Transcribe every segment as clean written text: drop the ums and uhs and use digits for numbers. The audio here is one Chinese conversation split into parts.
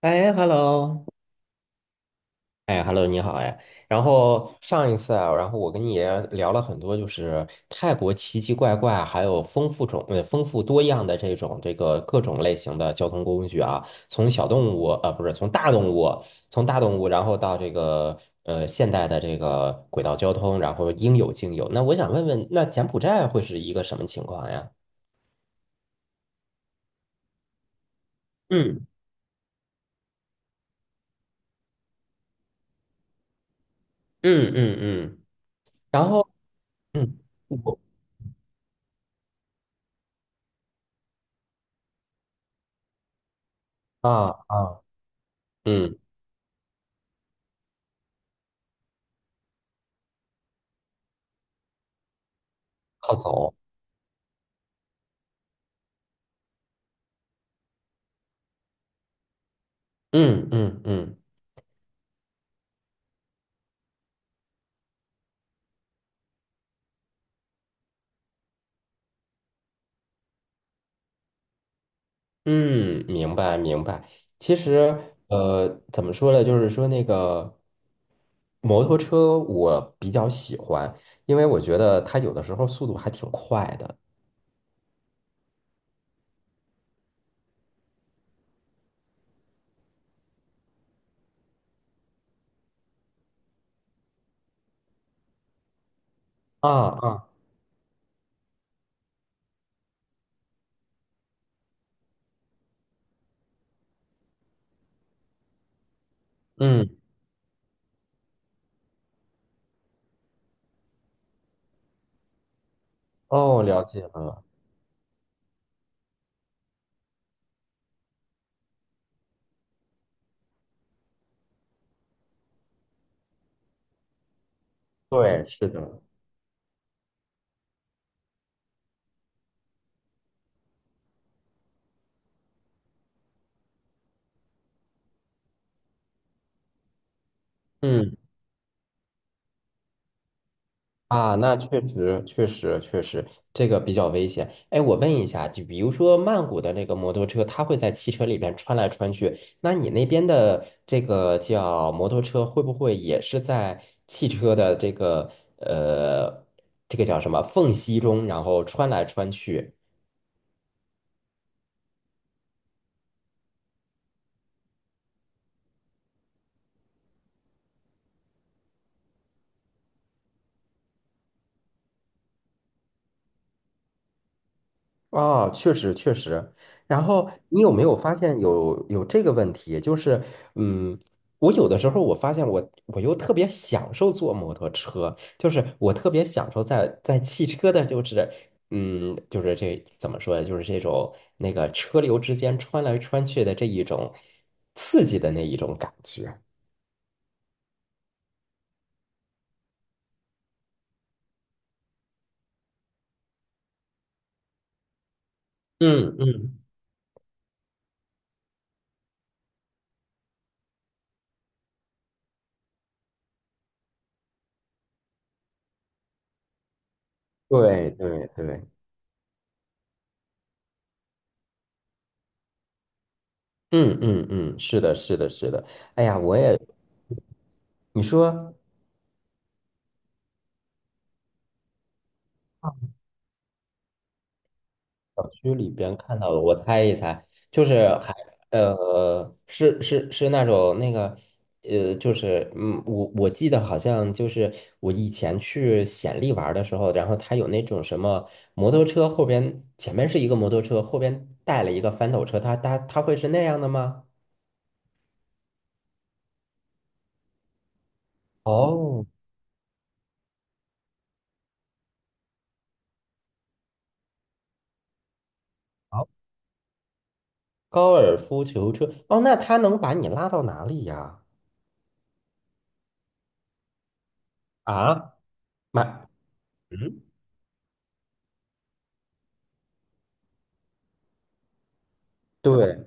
哎，hello，哎，Hello，你好哎。然后上一次啊，然后我跟你也聊了很多，就是泰国奇奇怪怪，还有丰富多样的这种各种类型的交通工具啊，从小动物啊呃不是从大动物，从大动物然后到这个现代的这个轨道交通，然后应有尽有。那我想问问，那柬埔寨会是一个什么情况呀？嗯嗯嗯嗯。然后嗯，我啊啊嗯，靠走。嗯嗯嗯嗯，明白明白。其实，怎么说呢？就是说那个摩托车，我比较喜欢，因为我觉得它有的时候速度还挺快的。啊啊。嗯。哦，了解了。对，是的。嗯。啊，那确实，确实，确实，这个比较危险。哎，我问一下，就比如说曼谷的那个摩托车，它会在汽车里边穿来穿去，那你那边的这个叫摩托车，会不会也是在汽车的呃，这个叫什么缝隙中，然后穿来穿去？啊，确实确实。然后你有没有发现有这个问题？就是，嗯，我有的时候我发现我又特别享受坐摩托车，就是我特别享受在汽车的，就是,怎么说呢？就是这种那个车流之间穿来穿去的这一种刺激的那一种感觉。嗯嗯，对对对，嗯嗯嗯，是的，是的，是的。哎呀，我也，你说。小区里边看到的，我猜一猜，就是还呃，是是是那种那个,我记得好像就是我以前去显利玩儿的时候，然后他有那种什么摩托车后边前面是一个摩托车，后边带了一个翻斗车，他会是那样的吗？哦，好，高尔夫球车，哦，那他能把你拉到哪里呀？啊，买，嗯，对，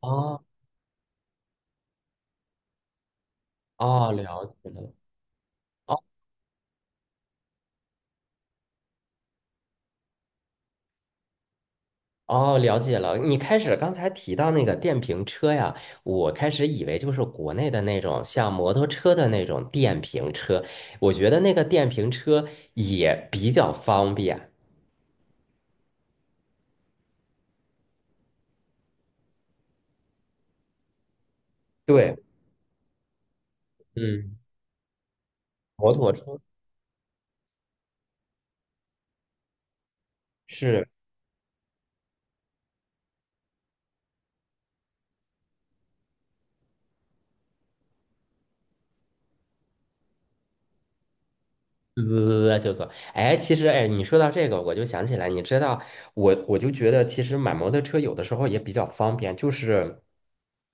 哦哦，了解了。哦，了解了。你开始刚才提到那个电瓶车呀，我开始以为就是国内的那种像摩托车的那种电瓶车，我觉得那个电瓶车也比较方便。对，嗯，摩托车是。滋就走。哎，其实哎，你说到这个，我就想起来，你知道，我就觉得，其实买摩托车有的时候也比较方便，就是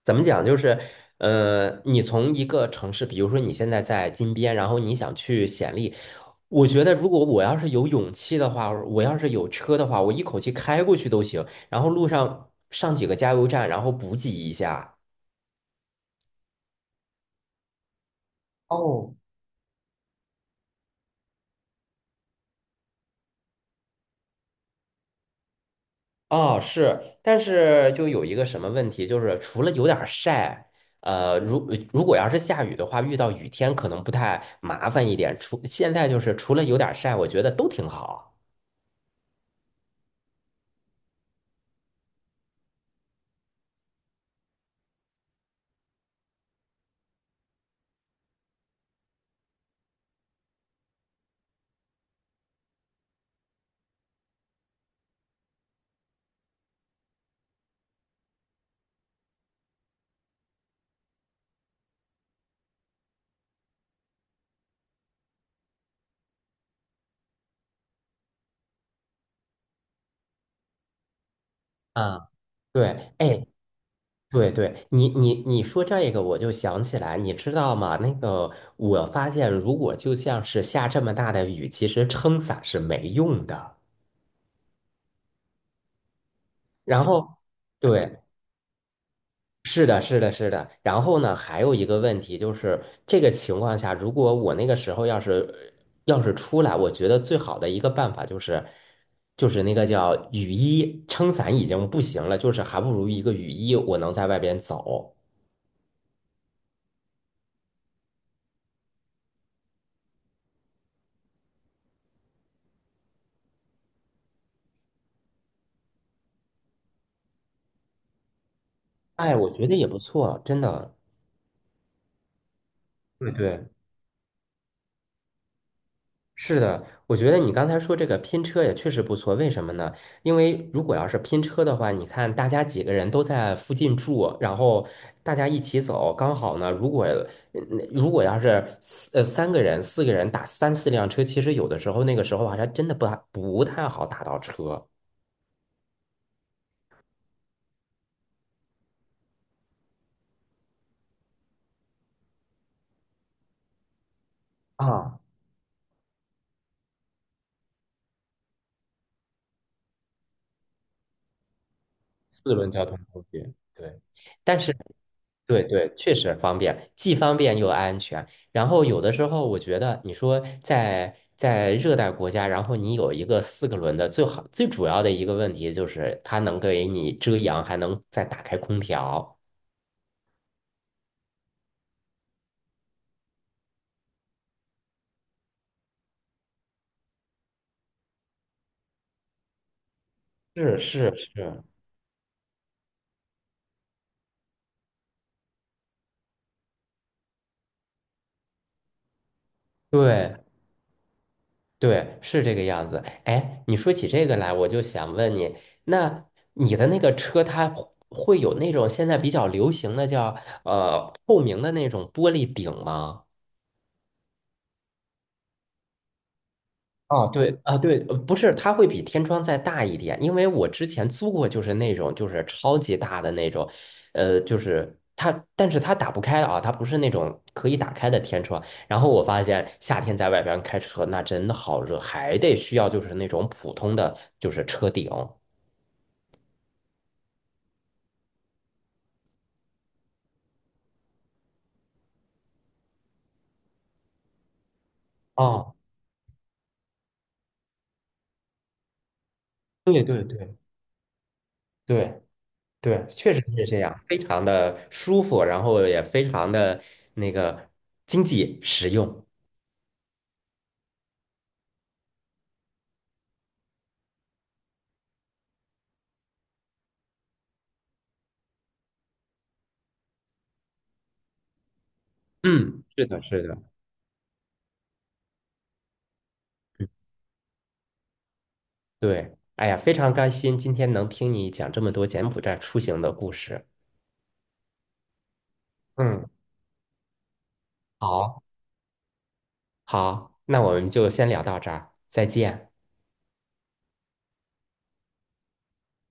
怎么讲，就是,你从一个城市，比如说你现在在金边，然后你想去显利，我觉得如果我要是有勇气的话，我要是有车的话，我一口气开过去都行，然后路上上几个加油站，然后补给一下。哦，哦，是，但是就有一个什么问题，就是除了有点儿晒，如果要是下雨的话，遇到雨天可能不太麻烦一点。除现在就是除了有点儿晒，我觉得都挺好。啊，对，哎，对对，你说这个，我就想起来，你知道吗？那个，我发现如果就像是下这么大的雨，其实撑伞是没用的。然后，对，是的，是的，是的。然后呢，还有一个问题就是，这个情况下，如果我那个时候要是出来，我觉得最好的一个办法就是，就是那个叫雨衣，撑伞已经不行了，就是还不如一个雨衣，我能在外边走。哎，我觉得也不错，真的。对对。是的，我觉得你刚才说这个拼车也确实不错。为什么呢？因为如果要是拼车的话，你看大家几个人都在附近住，然后大家一起走，刚好呢。如果嗯如果要是三个人、四个人打三四辆车，其实有的时候那个时候好像真的不太好打到车，啊，四轮交通工具。对，但是对对，确实方便，既方便又安全。然后有的时候，我觉得你说在热带国家，然后你有一个四个轮的，最好最主要的一个问题就是它能给你遮阳，还能再打开空调。是是是，对对，是这个样子。哎，你说起这个来，我就想问你，那你的那个车，它会有那种现在比较流行的叫透明的那种玻璃顶吗？啊，对啊，对，不是，它会比天窗再大一点，因为我之前租过，就是那种就是超级大的那种，就是它，但是它打不开啊，它不是那种可以打开的天窗。然后我发现夏天在外边开车那真的好热，还得需要就是那种普通的就是车顶。啊，对对对，对对，确实是这样，非常的舒服，然后也非常的那个经济实用。嗯，是的，是的。对，哎呀，非常开心今天能听你讲这么多柬埔寨出行的故事。嗯，好，好，那我们就先聊到这儿，再见。